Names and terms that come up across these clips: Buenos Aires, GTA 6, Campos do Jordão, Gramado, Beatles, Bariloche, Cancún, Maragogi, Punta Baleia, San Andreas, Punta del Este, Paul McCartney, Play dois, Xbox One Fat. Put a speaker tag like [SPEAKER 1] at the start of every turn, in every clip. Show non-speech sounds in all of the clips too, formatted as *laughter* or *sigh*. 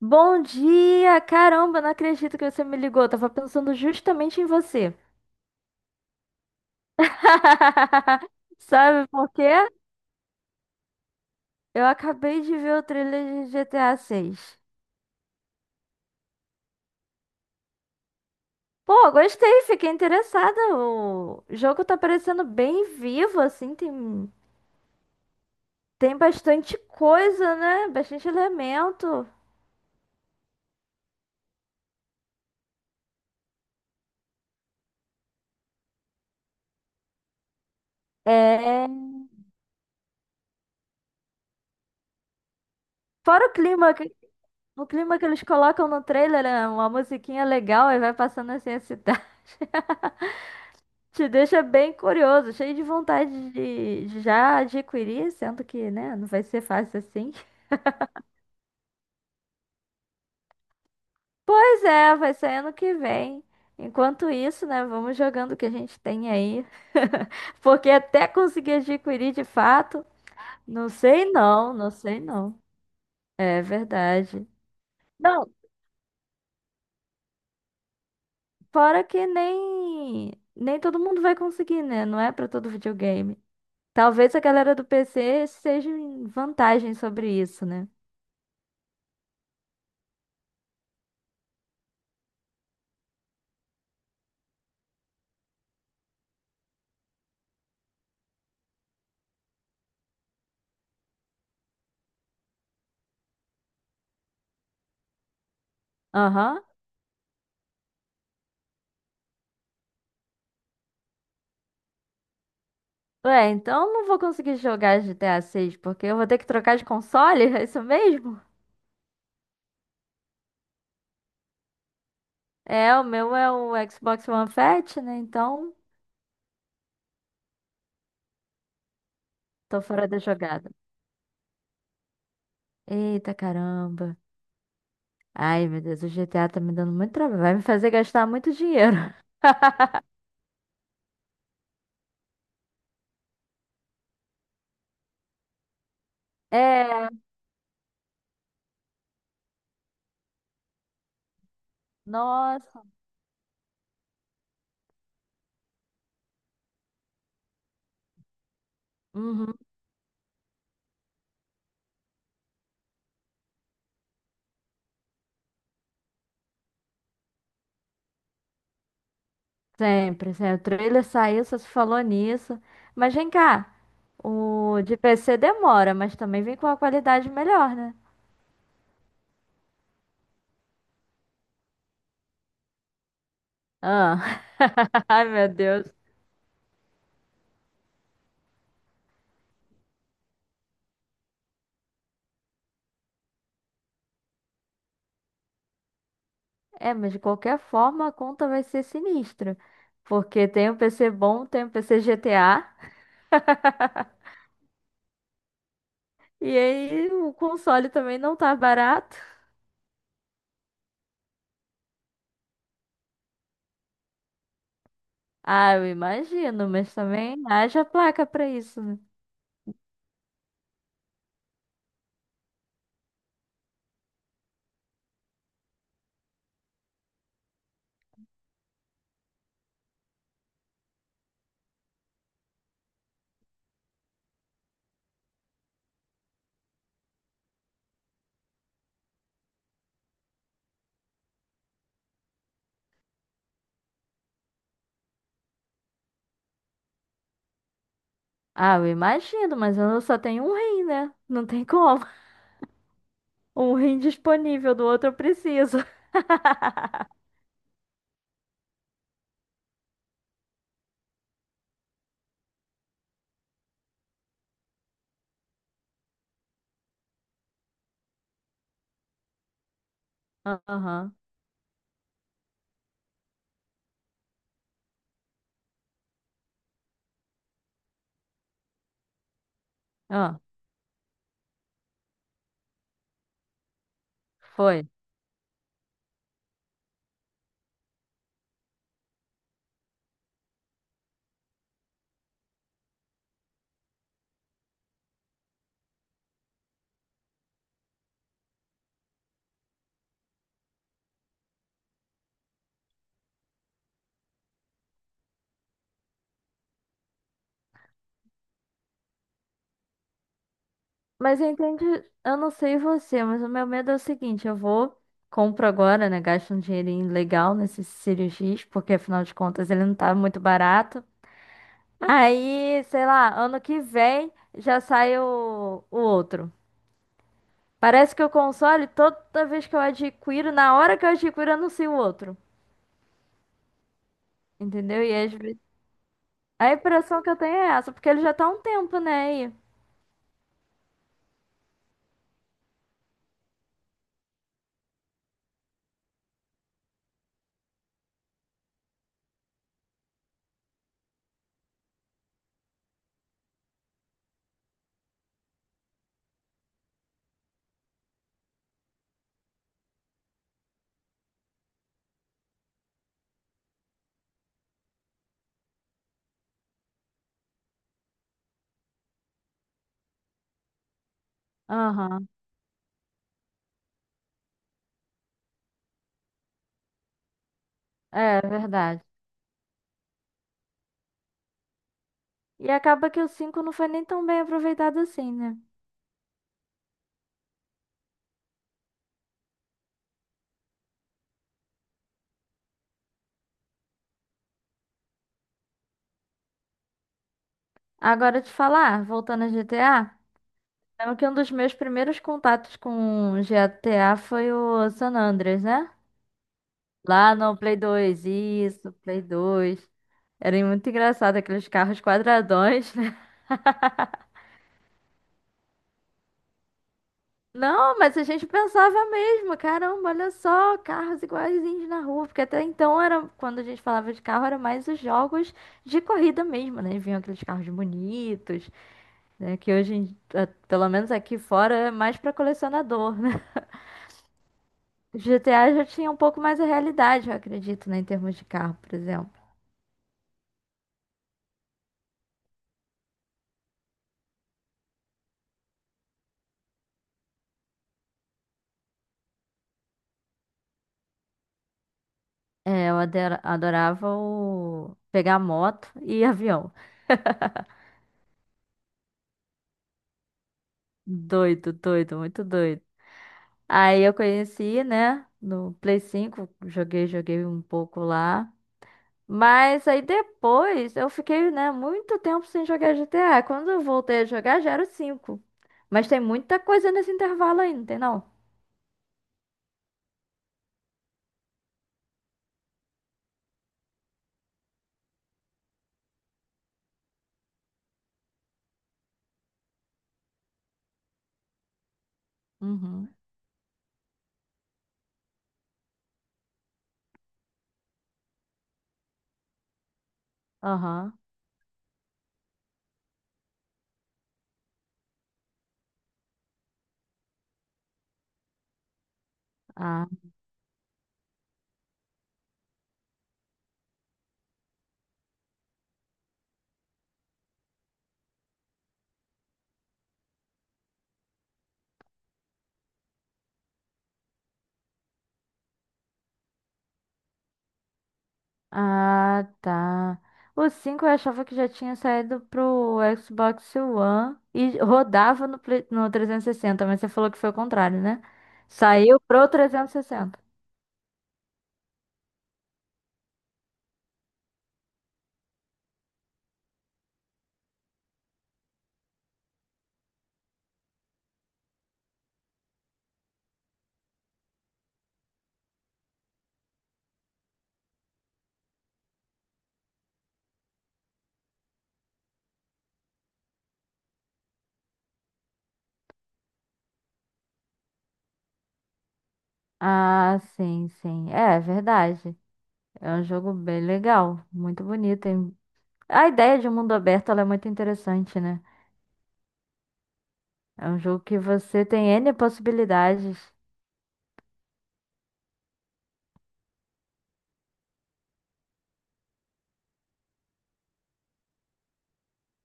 [SPEAKER 1] Bom dia! Caramba, não acredito que você me ligou. Eu tava pensando justamente em você. *laughs* Sabe por quê? Eu acabei de ver o trailer de GTA 6. Pô, gostei, fiquei interessada. O jogo tá parecendo bem vivo, assim, tem bastante coisa, né? Bastante elemento. É. Fora o clima, o clima que eles colocam no trailer, né? Uma musiquinha legal e vai passando assim a cidade. Te deixa bem curioso, cheio de vontade de, já adquirir, sendo que, né, não vai ser fácil assim. *laughs* Pois é, vai sair ano que vem. Enquanto isso, né, vamos jogando o que a gente tem aí. *laughs* Porque até conseguir adquirir de fato, não sei não, não sei não. É verdade. Não, fora que nem todo mundo vai conseguir, né? Não é pra todo videogame. Talvez a galera do PC seja em vantagem sobre isso, né? Aham. Ué, então eu não vou conseguir jogar GTA 6, porque eu vou ter que trocar de console, *laughs* é isso mesmo? É, o meu é o Xbox One Fat, né? Então, tô fora da jogada. Eita caramba. Ai, meu Deus, o GTA tá me dando muito trabalho. Vai me fazer gastar muito dinheiro. *laughs* É, nossa. Uhum, sempre, sempre. O trailer saiu, só se falou nisso. Mas vem cá, o de PC demora, mas também vem com uma qualidade melhor, né? Ah. *laughs* Ai, meu Deus. É, mas de qualquer forma a conta vai ser sinistra. Porque tem o PC bom, tem o PC GTA. E aí o console também não tá barato. Ah, eu imagino, mas também haja placa pra isso, né? Ah, eu imagino, mas eu só tenho um rim, né? Não tem como. *laughs* Um rim disponível, do outro eu preciso. *laughs* Aham. Ah, foi. Mas entende, eu não sei você, mas o meu medo é o seguinte, compro agora, né, gasto um dinheirinho legal nesses cirurgias, porque afinal de contas ele não tá muito barato. Aí, sei lá, ano que vem já sai o outro. Parece que o console, toda vez que eu adquiro, na hora que eu adquiro, eu anuncio o outro. Entendeu? E às vezes. A impressão que eu tenho é essa, porque ele já tá há um tempo, né, aí. Aham, é verdade. E acaba que o 5 não foi nem tão bem aproveitado assim, né? Agora te falar, voltando a GTA, lembro que um dos meus primeiros contatos com GTA foi o San Andreas, né? Lá no Play 2 isso, Play 2. Era muito engraçado aqueles carros quadradões, né? *laughs* Não, mas a gente pensava mesmo, caramba, olha só, carros iguaizinhos na rua, porque até então era, quando a gente falava de carro, era mais os jogos de corrida mesmo, né? Vinham aqueles carros bonitos, né? Que hoje, pelo menos aqui fora, é mais para colecionador. GTA já tinha um pouco mais a realidade, eu acredito, né, em termos de carro, por exemplo. É, adorava o pegar moto e *laughs* avião. Doido, doido, muito doido. Aí eu conheci, né, no Play 5, joguei um pouco lá. Mas aí depois eu fiquei, né, muito tempo sem jogar GTA. Quando eu voltei a jogar já era o 5. Mas tem muita coisa nesse intervalo aí, não tem não? Uhum. Aham. Ah. Ah, tá. O 5 eu achava que já tinha saído pro Xbox One e rodava no 360. Mas você falou que foi o contrário, né? Saiu pro 360. Ah, sim, sim. É verdade. É um jogo bem legal, muito bonito. Hein? A ideia de um mundo aberto, ela é muito interessante, né? É um jogo que você tem N possibilidades.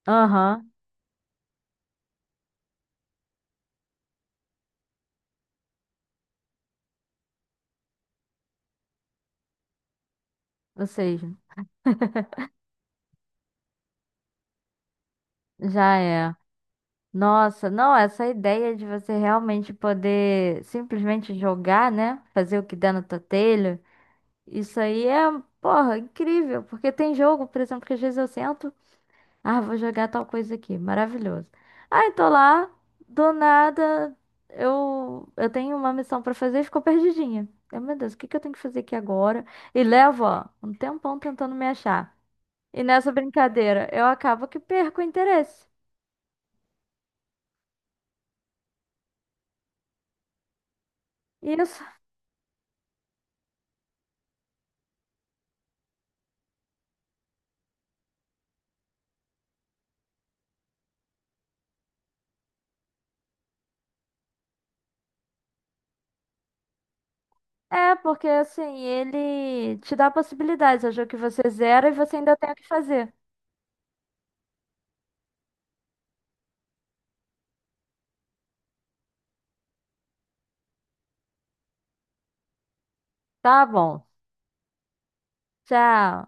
[SPEAKER 1] Aham, ou seja, já é. Nossa, não, essa ideia de você realmente poder simplesmente jogar, né? Fazer o que dá no totelho, isso aí é, porra, incrível. Porque tem jogo, por exemplo, que às vezes eu sento, ah, vou jogar tal coisa aqui, maravilhoso. Aí tô lá, do nada, eu tenho uma missão pra fazer e ficou perdidinha. Eu, meu Deus, o que que eu tenho que fazer aqui agora? E levo, ó, um tempão tentando me achar. E nessa brincadeira, eu acabo que perco o interesse. Isso. É, porque assim, ele te dá possibilidades. É o jogo que você zera e você ainda tem o que fazer. Tá bom. Tchau.